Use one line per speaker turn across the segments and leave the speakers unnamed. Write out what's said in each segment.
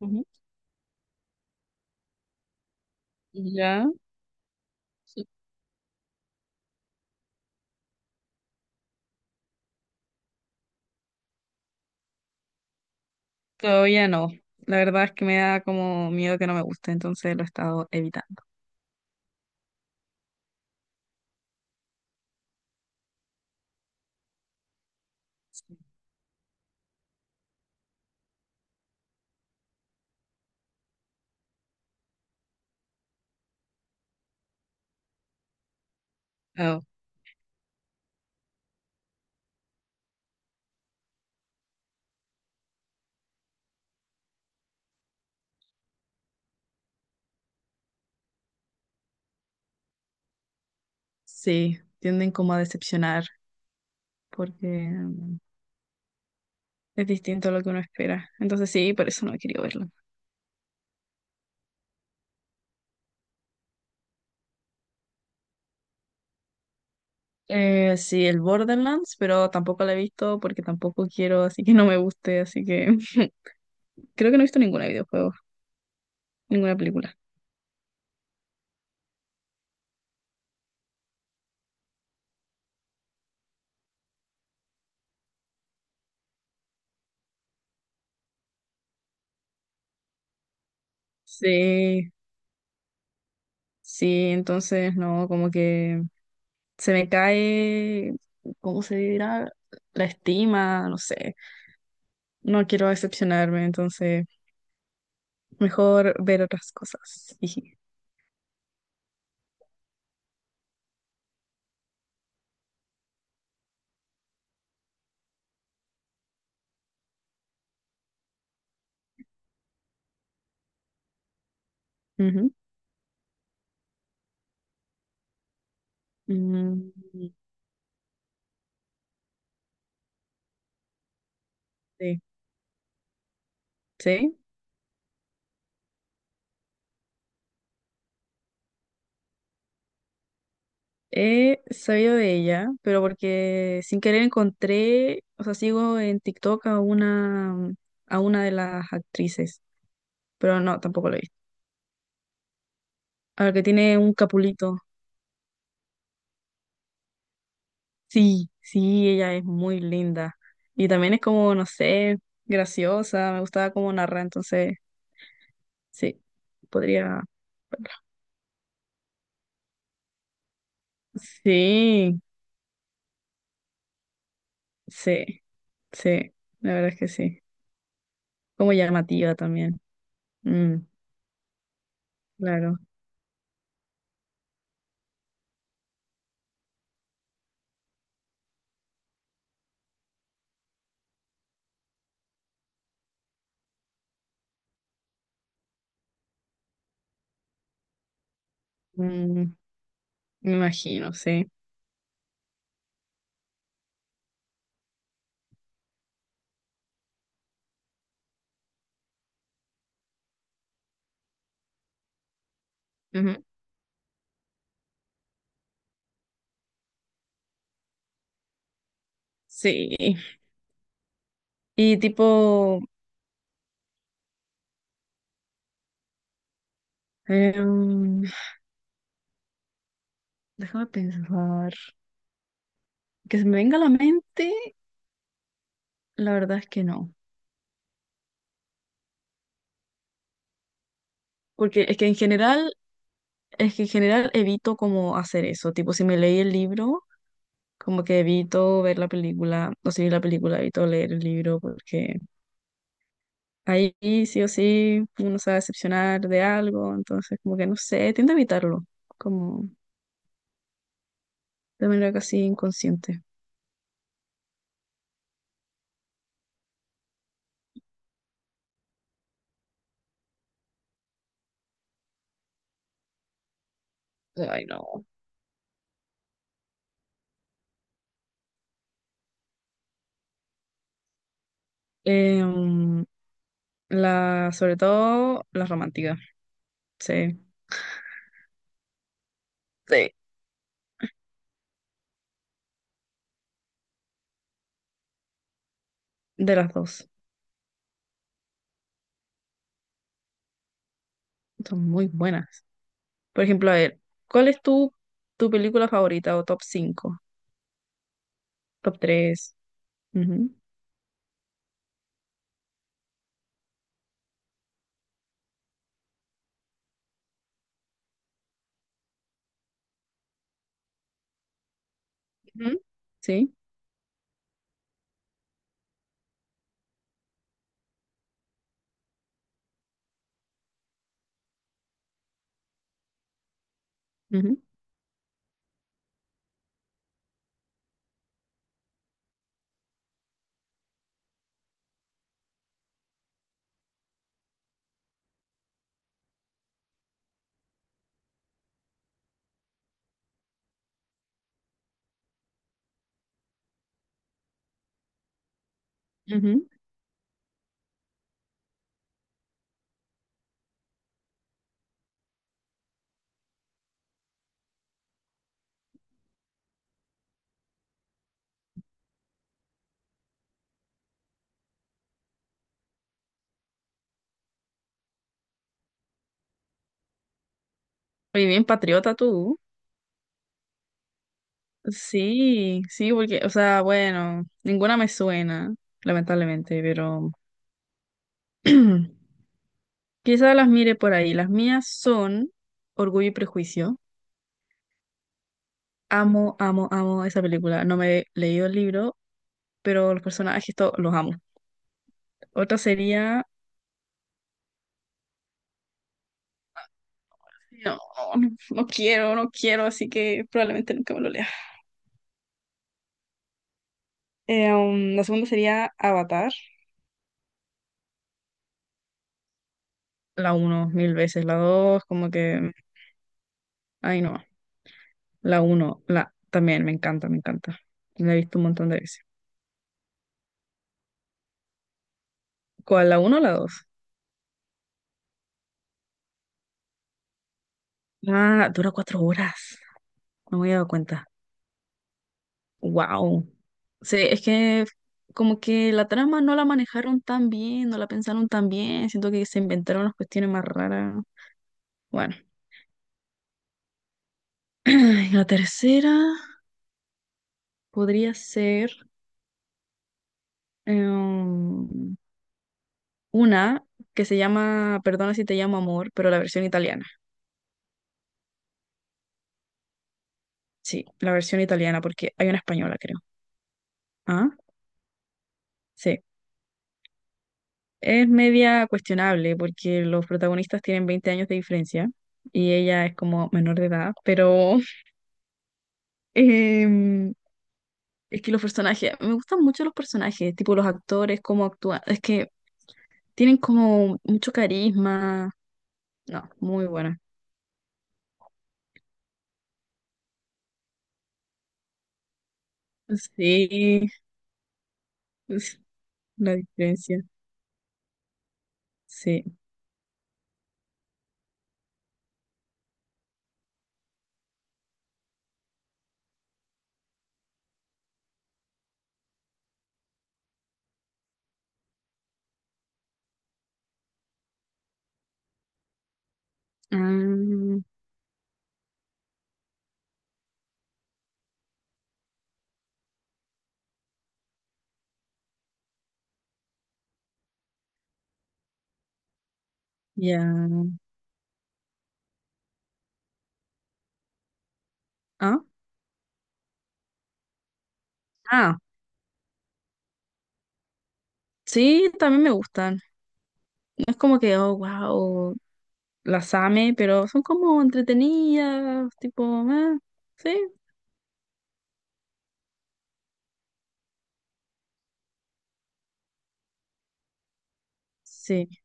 Ujú. Ya, sí. Todavía no. La verdad es que me da como miedo que no me guste, entonces lo he estado evitando. Oh, sí, tienden como a decepcionar porque es distinto a lo que uno espera. Entonces sí, por eso no he querido verlo. Sí, el Borderlands, pero tampoco lo he visto porque tampoco quiero, así que no me guste, así que creo que no he visto ninguna videojuego, ninguna película. Sí, sí, entonces no, como que se me cae, ¿cómo se dirá? La estima, no sé. No quiero decepcionarme, entonces mejor ver otras cosas. Jiji. Ujú. Mm, sí, sí. He sabido de ella, pero porque sin querer encontré, o sea, sigo en TikTok a una de las actrices, pero no, tampoco lo he visto. A la que tiene un capulito. Sí, sí, ella es muy linda. Y también es como, no sé, graciosa, me gustaba cómo narra, entonces, sí, podría. Sí, sí, sí, la verdad es que sí. Como llamativa también. Mm, claro. Mm, me imagino, sí. Ujú. Sí, y tipo, em, déjame pensar, que se me venga a la mente, la verdad es que no. porque es que en general Es que en general evito como hacer eso, tipo si me leí el libro, como que evito ver la película, o si vi la película evito leer el libro porque ahí sí o sí uno se va a decepcionar de algo, entonces como que no sé, tiendo a evitarlo, como de manera casi inconsciente. Ay, no. Em, sobre todo las románticas, sí. Sí. De las dos, son muy buenas. Por ejemplo, a ver, ¿cuál es tu película favorita o top 5? Top 3. Ujú, ujú, sí. Ujú, ujú. Muy bien, patriota tú. Sí, sí, porque, o sea, bueno, ninguna me suena, lamentablemente, pero quizás las mire por ahí. Las mías son Orgullo y Prejuicio. Amo, amo, amo esa película. No me he leído el libro, pero los personajes los amo. Otra sería, no, no, no quiero, no quiero, así que probablemente nunca me lo lea. La segunda sería Avatar. La uno mil veces, la dos como que, ay no, la uno la también me encanta, me encanta. La he visto un montón de veces. ¿Cuál, la uno o la dos? Ah, dura 4 horas, no me había dado cuenta. Wow. Sí, es que como que la trama no la manejaron tan bien, no la pensaron tan bien, siento que se inventaron las cuestiones más raras. Bueno, y la tercera podría ser em, una que se llama Perdona si te llamo amor, pero la versión italiana. Sí, la versión italiana, porque hay una española, creo. Ah, sí. Es media cuestionable porque los protagonistas tienen 20 años de diferencia y ella es como menor de edad, pero em, es que los personajes, me gustan mucho los personajes, tipo los actores, cómo actúan, es que tienen como mucho carisma. No, muy buena. Sí, es la diferencia. Sí. Ah, ya. Ah, ah, sí, también me gustan. No es como que, oh, wow. Las ame, pero son como entretenidas, tipo, ah, sí, sí.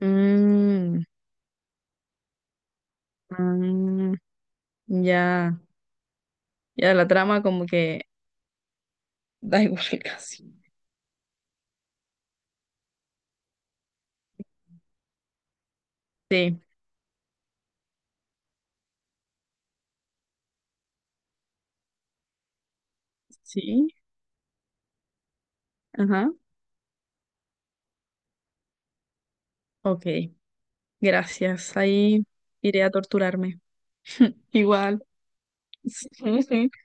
Mm, mm, ya, ya la trama como que da igual casi. Sí, sí, ajá, ok, gracias. Ahí iré a torturarme. Igual.